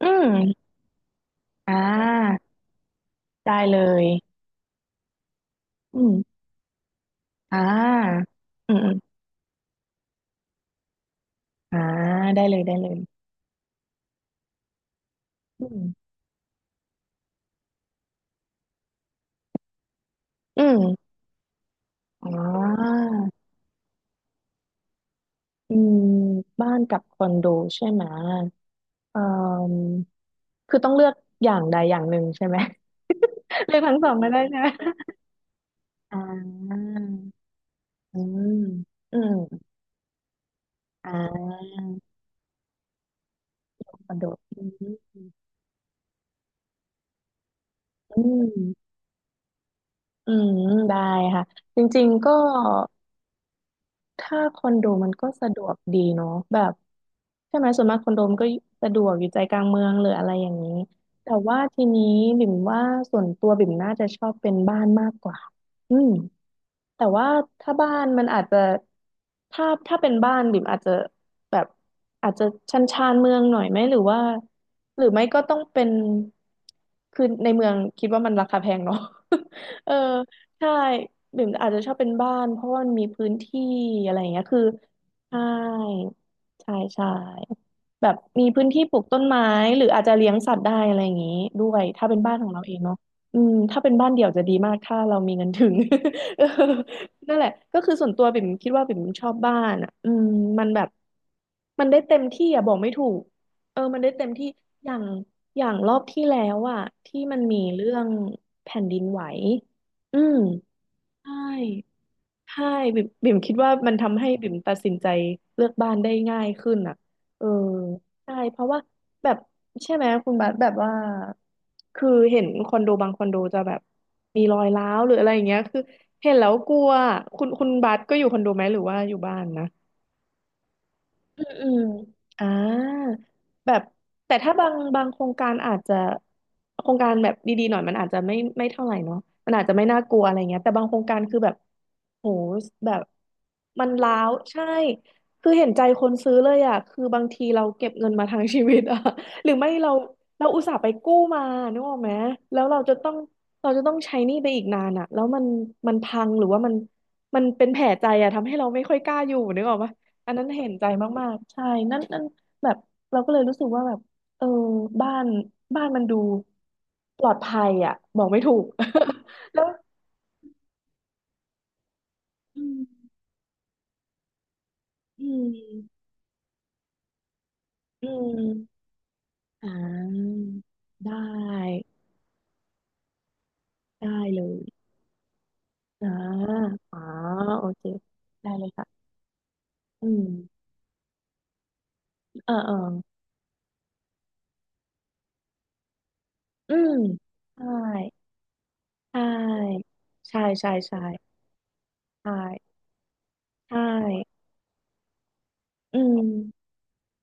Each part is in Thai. อืมอ่าได้เลยอืมอ่าอืมอมอ่าได้เลยได้เลย อืม อืมอ๋ออืม บ้านกับคอนโดใช่ไหมเอ่อคือต้องเลือกอย่างใดอย่างหนึ่งใช่ไหม เลือกทั้งสองไม่ได้ใช่ไหมอ่าอืมอืมอ่าคอนโดอืม อืมอืมได้ค่ะจริงๆก็ ถ้าคอนโดมันก็สะดวกดีเนาะแบบใช่ไหมส่วนมากคอนโดมันก็สะดวกอยู่ใจกลางเมืองหรืออะไรอย่างนี้แต่ว่าทีนี้บิ่มว่าส่วนตัวบิ่มน่าจะชอบเป็นบ้านมากกว่าอืม แต่ว่าถ้าบ้านมันอาจจะถ้าเป็นบ้านบิ่มอาจจะแบบอาจจะชันชานเมืองหน่อยไหมหรือว่าหรือไม่ก็ต้องเป็นคือในเมืองคิดว่ามันราคาแพงเนาะ เออใช่บิ่มอาจจะชอบเป็นบ้านเพราะว่ามันมีพื้นที่อะไรอย่างเงี้ยคือใช่ใช่ใช่แบบมีพื้นที่ปลูกต้นไม้หรืออาจจะเลี้ยงสัตว์ได้อะไรอย่างงี้ด้วยถ้าเป็นบ้านของเราเองเนาะอืมถ้าเป็นบ้านเดี่ยวจะดีมากถ้าเรามีเงินถึง เออ นั่นแหละ ก็คือส่วนตัวปิ่มคิดว่าปิ่มชอบบ้านอ่ะอืมมันแบบมันได้เต็มที่อ่ะบอกไม่ถูกเออมันได้เต็มที่อย่างอย่างรอบที่แล้วอ่ะที่มันมีเรื่องแผ่นดินไหวอืมใช่ ใช่บิ่มคิดว่ามันทำให้บิ่มตัดสินใจเลือกบ้านได้ง่ายขึ้นอ่ะเออใช่เพราะว่าแบบใช่ไหมคุณบาสแบบว่าคือเห็นคอนโดบางคอนโดจะแบบมีรอยร้าวหรืออะไรอย่างเงี้ยคือเห็นแล้วกลัวคุณบาสก็อยู่คอนโดไหมหรือว่าอยู่บ้านนะ อืมอืมอ่าแบบแต่ถ้าบางโครงการอาจจะโครงการแบบดีๆหน่อยมันอาจจะไม่เท่าไหร่เนาะมันอาจจะไม่น่ากลัวอะไรเงี้ยแต่บางโครงการคือแบบโหแบบมันล้าวใช่คือเห็นใจคนซื้อเลยอ่ะคือบางทีเราเก็บเงินมาทั้งชีวิตอ่ะ หรือไม่เราอุตส่าห์ไปกู้มานึกออกไหมแล้วเราจะต้องเราจะต้องใช้หนี้ไปอีกนานอ่ะแล้วมันพังหรือว่ามันเป็นแผลใจอ่ะทำให้เราไม่ค่อยกล้าอยู่นึกออกปะ อันนั้นเห็นใจมากๆใช่นั่นนั่นแบบเราก็เลยรู้สึกว่าแบบเออบ้านบ้านมันดูปลอดภัยอ่ะบอกไม่ถูก แล้วอืมอืมอืมอ่าได้ได้เลยอ่าอ๋อโอเคได้เลยค่ะอืมเออเอออืมใช่ใช่ใช่ใช่ใช่ใช่ใช่อืม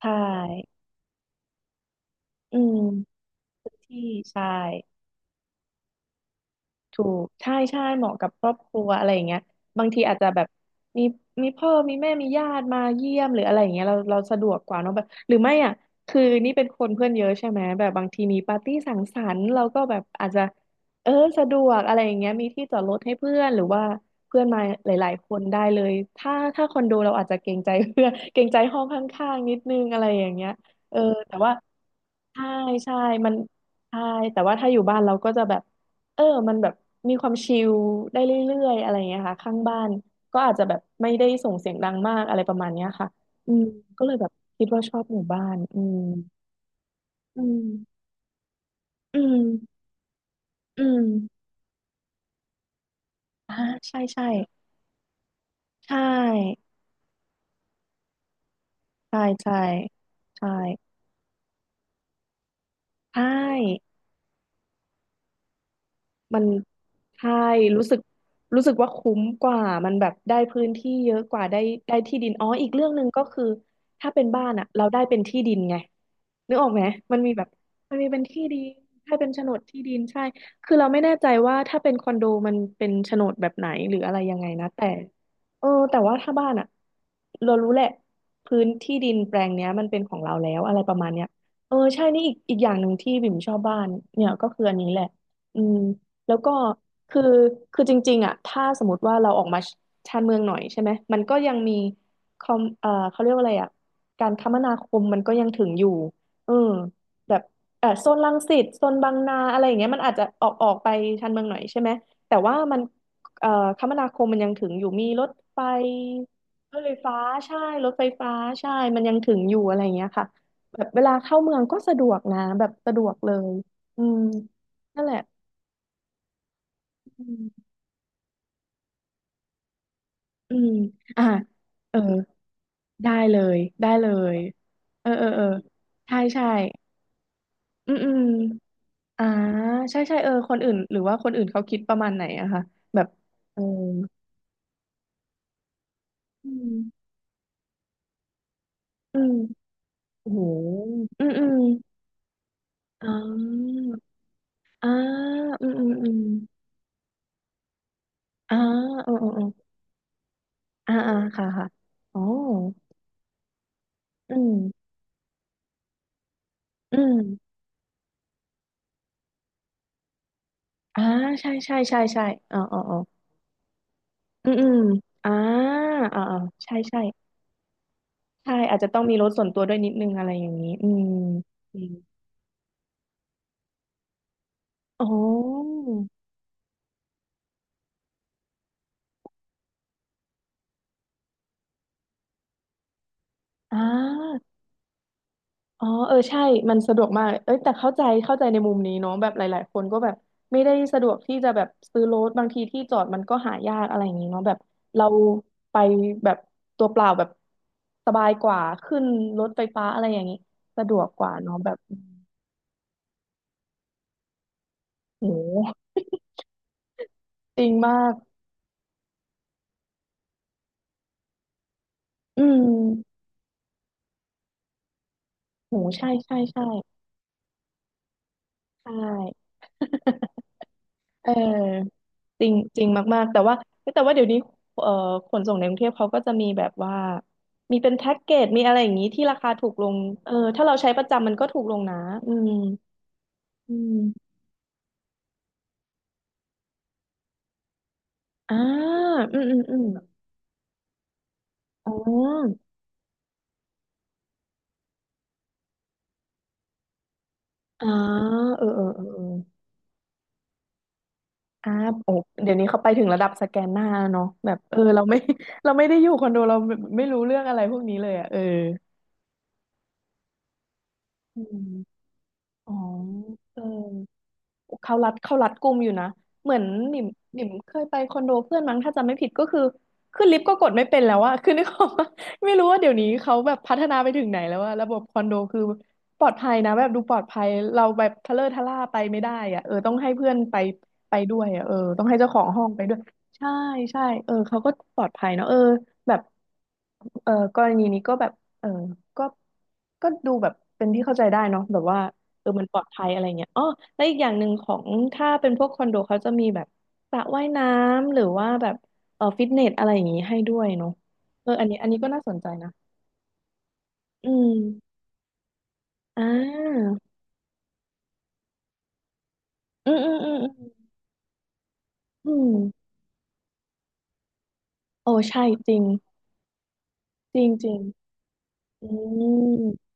ใช่อืมพื้นที่ใช่ ถูกใช่ใช่เหมาะกับครอบครัวอะไรอย่างเงี้ยบางทีอาจจะแบบมีพ่อมีแม่มีญาติมาเยี่ยมหรืออะไรอย่างเงี้ยเราสะดวกกว่าเนอะแบบหรือไม่อ่ะคือนี่เป็นคนเพื่อนเยอะใช่ไหมแบบบางทีมีปาร์ตี้สังสรรค์เราก็แบบอาจจะเออสะดวกอะไรอย่างเงี้ยมีที่จอดรถให้เพื่อนหรือว่าเพื่อนมาหลายๆคนได้เลยถ้าคอนโดเราอาจจะเกรงใจ เพื่อนเกรงใจห้องข้างๆนิดนึงอะไรอย่างเงี้ยเออแต่ว่า ใช่ใช่มันใช่ แต่ว่าถ้าอยู่บ้านเราก็จะแบบเออมันแบบมีความชิลได้เรื่อยๆอะไรอย่างเงี้ยค่ะข้างบ้านก็อาจจะแบบไม่ได้ส่งเสียงดังมากอะไรประมาณเนี้ยค่ะอืมก็เลยแบบคิดว่าชอบหมู่บ้านอืมอืมอืมอืมอ่าใช่ใช่ใช่ใช่ใช่ใช่ใช่ มันใช่รู้สึกรู้สึกว่าคุ้มกว่ามันแบบได้พื้นที่เยอะกว่าได้ที่ดินอ๋ออีกเรื่องหนึ่งก็คือถ้าเป็นบ้านอ่ะเราได้เป็นที่ดินไงนึกออกไหมมันมีแบบมันมีเป็นที่ดินใช่เป็นโฉนดที่ดินใช่คือเราไม่แน่ใจว่าถ้าเป็นคอนโดมันเป็นโฉนดแบบไหนหรืออะไรยังไงนะแต่เออแต่ว่าถ้าบ้านอ่ะเรารู้แหละพื้นที่ดินแปลงเนี้ยมันเป็นของเราแล้วอะไรประมาณเนี้ยเออใช่นี่อีกอย่างหนึ่งที่บิ่มชอบบ้านเนี่ยก็คืออันนี้แหละอืม แล้วก็คือคือจริงๆอ่ะถ้าสมมติว่าเราออกมาชานเมืองหน่อยใช่ไหมมันก็ยังมีคอมเอ่อเขาเรียกว่าอะไรอ่ะการคมนาคมมันก็ยังถึงอยู่เออแบบเออโซนรังสิตโซนบางนาอะไรอย่างเงี้ยมันอาจจะออกไปชานเมืองหน่อยใช่ไหมแต่ว่ามันเอ่อคมนาคมมันยังถึงอยู่ มีรถไฟรถไฟฟ้าใช่รถไฟฟ้าใช่มันยังถึงอยู่อะไรอย่างเงี้ยค่ะแบบเวลาเข้าเมืองก็สะดวกนะแบบสะดวกเลยอืมนั่นแหละ อืมอ่ะเออได้เลยได้เลยเออเออเออใช่ใช่อืมอืมอ่าใช่ใช่เออคนอื่นหรือว่าคนอื่นเขาคิดประมาณไหนอะคะแบบเอออืมอืมโอ้โหอืมอืมอ่าอ่าอืมอืมอืมอ่าเออเออเอออ่าอ่าค่ะค่ะอ๋ออืมอืมอ่าใช่ใช่ใช่ใช่อ๋ออ๋ออ๋ออืมอืมอ่าอ่าอ่าใช่ใช่ ใช่อาจจะต้องมีรถส่วนตัวด้วยนิดนึงอะไรอย่างนี้อืมอืมโอ้อ่าอ๋อเออใช่มันสะดวกมากเอ้ยแต่เข้าใจเข้าใจในมุมนี้เนาะแบบหลายๆคนก็แบบไม่ได้สะดวกที่จะแบบซื้อรถบางทีที่จอดมันก็หายากอะไรอย่างนี้เนาะแบบเราไปแบบตัวเปล่าแบบสบายกว่าขึ้นรถไฟฟ้าอะไรอย่างนี้สะดวกกว่าเนาะแบบอืมโหจริงมากอืมโหใช่ใช่ใช่ใช่ เออจริงจริงมากๆแต่ว่าแต่ว่าเดี๋ยวนี้เอ่อขนส่งในกรุงเทพเขาก็จะมีแบบว่ามีเป็นแพ็กเกจมีอะไรอย่างนี้ที่ราคาถูกลงถ้าเราใช้ประจำมันก็ถูกลงนะอืมอืมอ่าอืมอืมอืมอ๋ออ่าเออเออเออเอออ่าโอ้เดี๋ยวนี้เขาไปถึงระดับสแกนหน้าแล้วเนาะแบบเราไม่ เราไม่ได้อยู่คอนโดเราไม่ไม่รู้เรื่องอะไรพวกนี้เลยอ่ะเอออืมอ๋อเออ เขารัดเขารัดกุมอยู่นะเหมือนหนิมหนิมเคยไปคอนโดเพื่อนมั้งถ้าจำไม่ผิดก็คือขึ้นลิฟต์ก็กดไม่เป็นแล้วอะคือนึกออกปะ ไม่รู้ว่าเดี๋ยวนี้เขาแบบพัฒนาไปถึงไหนแล้วอะระบบคอนโดคือปลอดภัยนะแบบดูปลอดภัยเราแบบทะเลอะทะล่าไปไม่ได้อะต้องให้เพื่อนไปไปด้วยอะต้องให้เจ้าของห้องไปด้วยใช่ใช่เออเขาก็ปลอดภัยเนาะเออแบบกรณีนี้ก็แบบ เออก็ดูแบบเป็นที่เข้าใจได้เนาะแบบว่าเออมันปลอดภัยอะไรเงี้ยอ๋อแล้วอีกอย่างหนึ่งของถ้าเป็นพวกคอนโดเขาจะมีแบบสระว่ายน้ำหรือว่าแบบฟิตเนสอะไรอย่างงี้ให้ด้วยเนาะเอออันนี้ก็น่าสนใจนะอืมอ่าอืมอืมอืมอืมอืมโอ้ใช่จริงจริงจริงอืม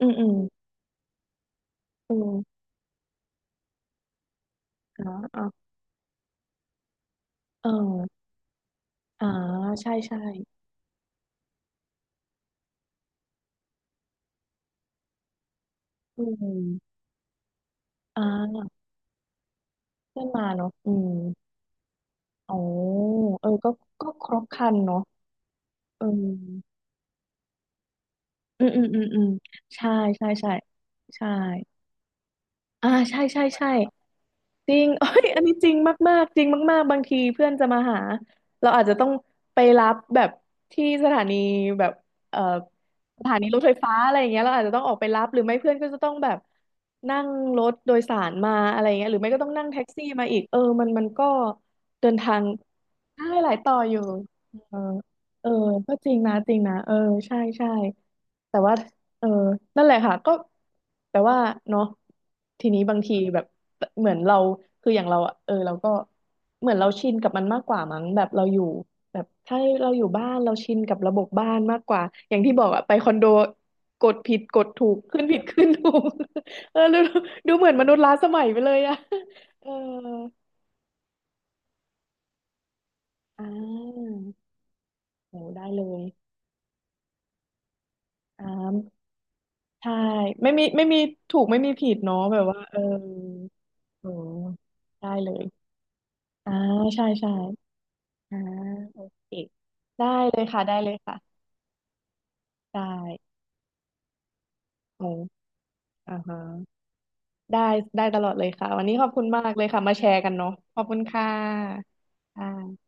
อืมอืมอืมอ่าอ่าเอออ่าใช่ใช่อืมอ่าเพื่อนมาเนาะอืม อ๋อเออก็ก็ครบครันเนาะเอออืม อืม อืม อืม ใช่ ใช่ ใช่ ใช่ อ่าใช่ ใช่ ใช่ จริง เอ้ยอันนี้จริงมากๆจริงมากๆบางทีเพื่อนจะมาหาเราอาจจะต้องไปรับแบบที่สถานีแบบเอ่อสถานีรถไฟฟ้าอะไรอย่างเงี้ยเราอาจจะต้องออกไปรับหรือไม่เพื่อนก็จะต้องแบบนั่งรถโดยสารมาอะไรอย่างเงี้ยหรือไม่ก็ต้องนั่งแท็กซี่มาอีกเออมันก็เดินทางได้หลายต่ออยู่เออเออก็จริงนะจริงนะเออใช่ใช่ แต่ว่าเออนั่นแหละค่ะก็แต่ว่าเนาะทีนี้บางทีแบบเหมือนเราคืออย่างเราอะเออเราก็เหมือนเราชินกับมันมากกว่ามั้งแบบเราอยู่แบบถ้าเราอยู่บ้านเราชินกับระบบบ้านมากกว่าอย่างที่บอกอะไปคอนโดกดผิดกดถูกขึ้นผิดขึ้นถูก เออดูเหมือนมนุษย์ล้าสมัยไปเลยอะ เอออ่าโหได้เลยอ่าใช่ไม่มีไม่มีถูกไม่มีผิดเนาะแบบว่าเออ อืมได้เลยอ่าใช่ใช่อ่าโอเคได้เลยค่ะได้เลยค่ะได้โอ้อ่าฮะได้ได้ตลอดเลยค่ะวันนี้ขอบคุณมากเลยค่ะมาแชร์กันเนาะขอบคุณค่ะค่ะ